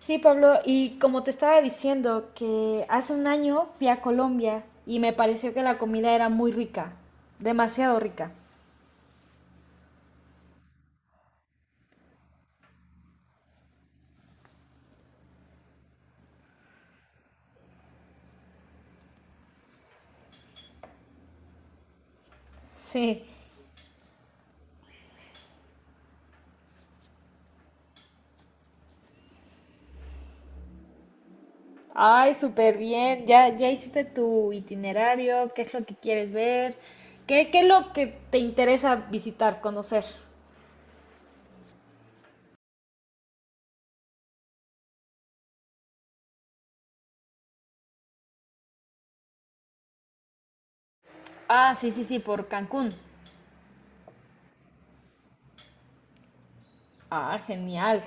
Sí, Pablo, y como te estaba diciendo, que hace un año fui a Colombia y me pareció que la comida era muy rica, demasiado rica. Sí. Ay, súper bien. Ya, ya hiciste tu itinerario, ¿qué es lo que quieres ver? ¿¿Qué es lo que te interesa visitar, conocer? Ah, sí, sí, sí, por Cancún. Ah, genial.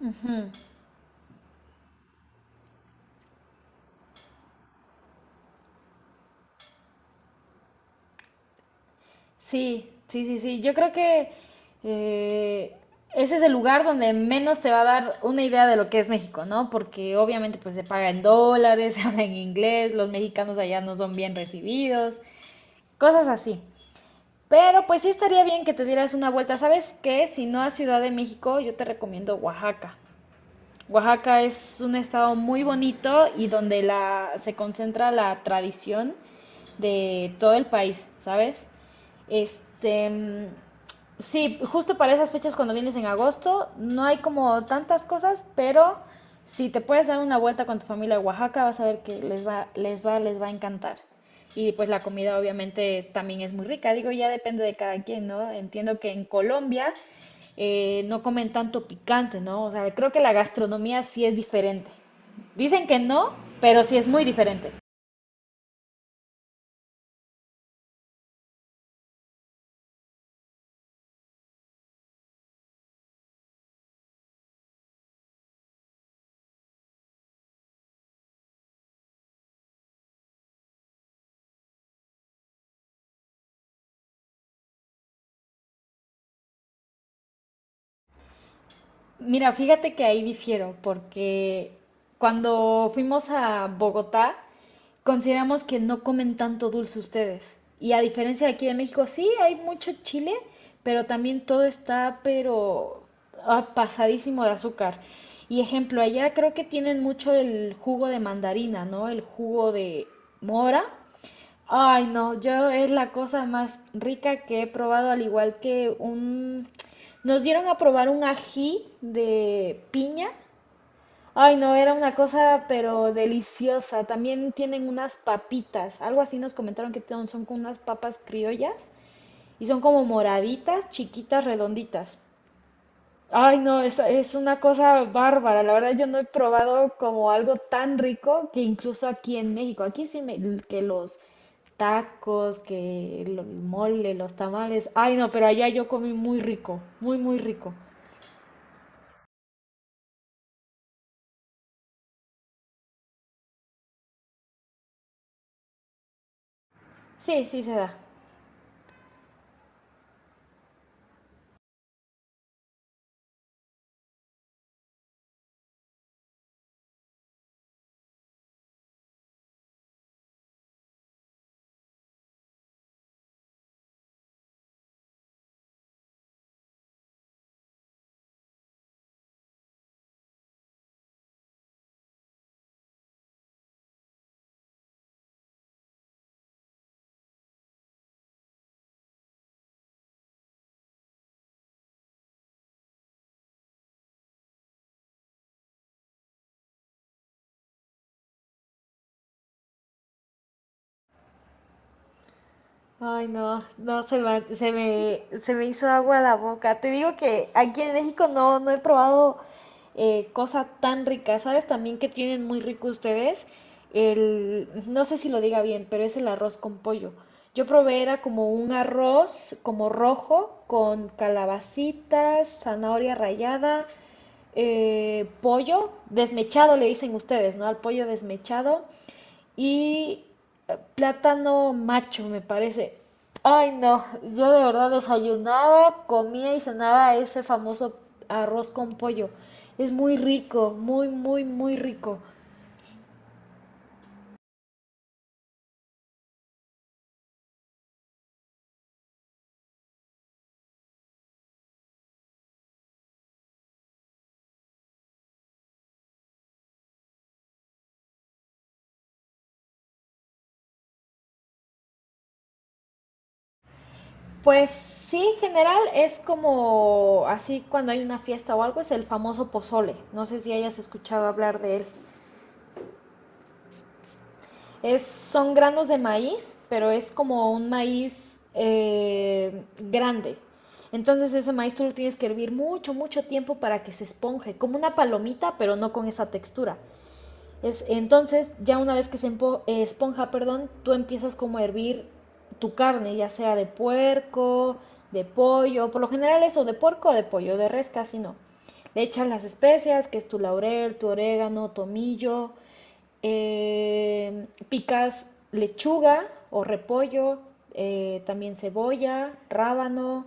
Ujú. Sí, sí, sí, sí. Yo creo que eh, ese es el lugar donde menos te va a dar una idea de lo que es México, ¿no? Porque obviamente pues se paga en dólares, se habla en inglés, los mexicanos allá no son bien recibidos, cosas así. Pero pues sí estaría bien que te dieras una vuelta. ¿Sabes qué? Si no a Ciudad de México, yo te recomiendo Oaxaca. Oaxaca es un estado muy bonito y donde se concentra la tradición de todo el país, ¿sabes? Este, mm, sí, justo para esas fechas cuando vienes en agosto, no hay como tantas cosas, pero si te puedes dar una vuelta con tu familia a Oaxaca, vas a ver que les va a encantar. Y pues la comida obviamente también es muy rica, digo, ya depende de cada quien, ¿no? Entiendo que en Colombia no comen tanto picante, ¿no? O sea, creo que la gastronomía sí es diferente. Dicen que no, pero sí es muy diferente. Mira, fíjate que ahí difiero, porque cuando fuimos a Bogotá, consideramos que no comen tanto dulce ustedes. Y a diferencia de aquí de México, sí, hay mucho chile, pero también todo está, pero ah, pasadísimo de azúcar. Y ejemplo, allá creo que tienen mucho el jugo de mandarina, ¿no? El jugo de mora. Ay, no, yo es la cosa más rica que he probado, al igual que un... Nos dieron a probar un ají de piña. Ay, no, era una cosa pero deliciosa. También tienen unas papitas, algo así nos comentaron que son con unas papas criollas y son como moraditas, chiquitas, redonditas. Ay, no, es una cosa bárbara. La verdad, yo no he probado como algo tan rico que incluso aquí en México, aquí sí me, que los tacos, que el mole, los tamales. Ay, no, pero allá yo comí muy rico, muy, muy rico. Sí, sí se da. Ay, no, no, se me hizo agua la boca. Te digo que aquí en México no, no he probado cosa tan rica. ¿Sabes también que tienen muy rico ustedes? El, no sé si lo diga bien, pero es el arroz con pollo. Yo probé, era como un arroz, como rojo, con calabacitas, zanahoria rallada, pollo desmechado, le dicen ustedes, ¿no? Al pollo desmechado y plátano macho, me parece. Ay, no, yo de verdad desayunaba, comía y cenaba ese famoso arroz con pollo. Es muy rico, muy, muy, muy rico. Pues sí, en general es como así cuando hay una fiesta o algo, es el famoso pozole. No sé si hayas escuchado hablar de él. Son granos de maíz, pero es como un maíz grande. Entonces ese maíz tú lo tienes que hervir mucho, mucho tiempo para que se esponje, como una palomita, pero no con esa textura. Entonces, ya una vez que esponja, perdón, tú empiezas como a hervir tu carne, ya sea de puerco, de pollo, por lo general eso, de puerco o de pollo, de res casi no. Le echas las especias, que es tu laurel, tu orégano, tomillo, picas lechuga o repollo, también cebolla, rábano,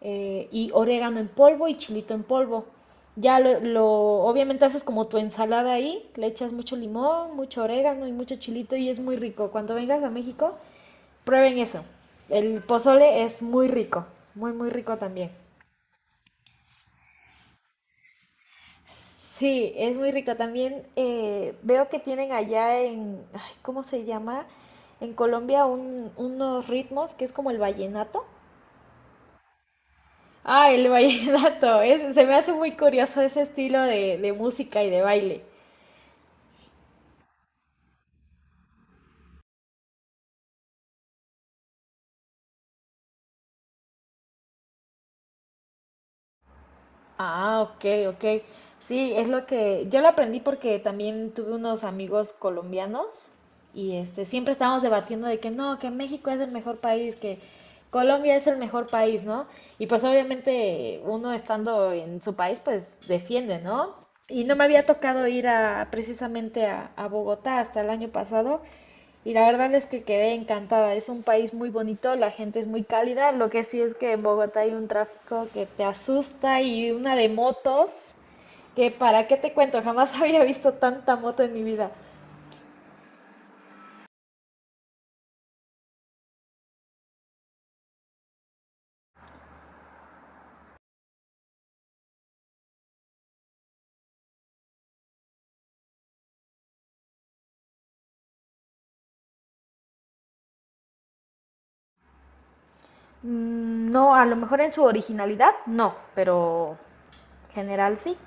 y orégano en polvo y chilito en polvo. Ya lo, lo, obviamente haces como tu ensalada ahí, le echas mucho limón, mucho orégano y mucho chilito y es muy rico. Cuando vengas a México, prueben eso. El pozole es muy rico, muy, muy rico también. Sí, es muy rico. También veo que tienen allá en, ay, ¿cómo se llama? En Colombia unos ritmos que es como el vallenato. Ah, el vallenato. Se me hace muy curioso ese estilo de música y de baile. Ah, ok, ok. Sí, es lo que yo lo aprendí porque también tuve unos amigos colombianos y este siempre estábamos debatiendo de que no, que México es el mejor país, que Colombia es el mejor país, ¿no? Y pues obviamente uno estando en su país pues defiende, ¿no? Y no me había tocado ir a precisamente a Bogotá hasta el año pasado. Y la verdad es que quedé encantada. Es un país muy bonito, la gente es muy cálida. Lo que sí es que en Bogotá hay un tráfico que te asusta y una de motos que para qué te cuento, jamás había visto tanta moto en mi vida. Mm, no, a lo mejor en su originalidad, no, pero general sí.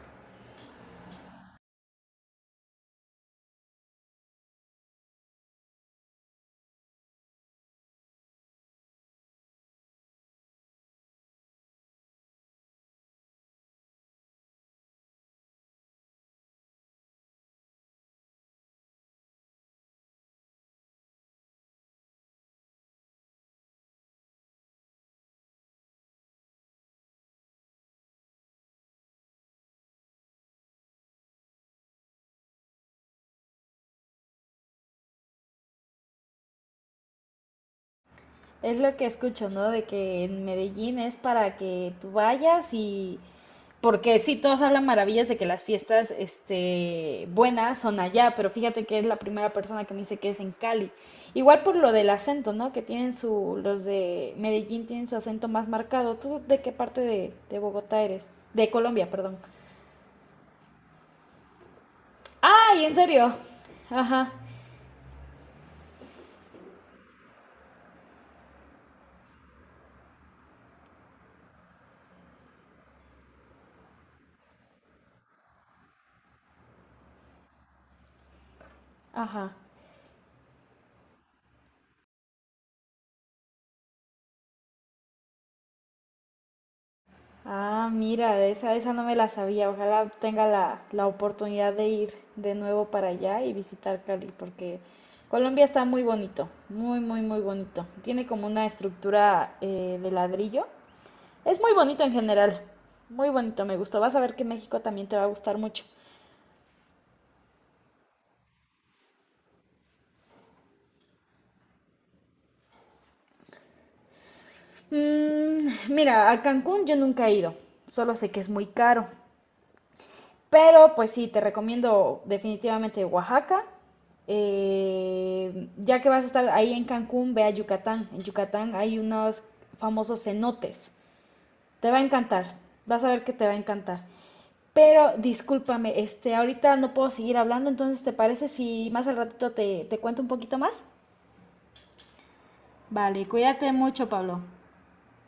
Es lo que escucho, ¿no? De que en Medellín es para que tú vayas y... Porque sí, todos hablan maravillas de que las fiestas, este, buenas son allá, pero fíjate que es la primera persona que me dice que es en Cali. Igual por lo del acento, ¿no? Que tienen su, los de Medellín tienen su acento más marcado. ¿Tú de qué parte de Bogotá eres? De Colombia, perdón. ¡Ay, en serio! Ajá, ajá. Ah, mira, esa no me la sabía. Ojalá tenga la, la oportunidad de ir de nuevo para allá y visitar Cali, porque Colombia está muy bonito, muy, muy, muy bonito. Tiene como una estructura de ladrillo. Es muy bonito en general, muy bonito, me gustó. Vas a ver que México también te va a gustar mucho. Mm, mira, a Cancún yo nunca he ido, solo sé que es muy caro. Pero pues sí, te recomiendo definitivamente Oaxaca. Ya que vas a estar ahí en Cancún, ve a Yucatán. En Yucatán hay unos famosos cenotes. Te va a encantar. Vas a ver que te va a encantar. Pero discúlpame, este, ahorita no puedo seguir hablando, entonces ¿te parece si más al ratito te, te cuento un poquito más? Vale, cuídate mucho, Pablo.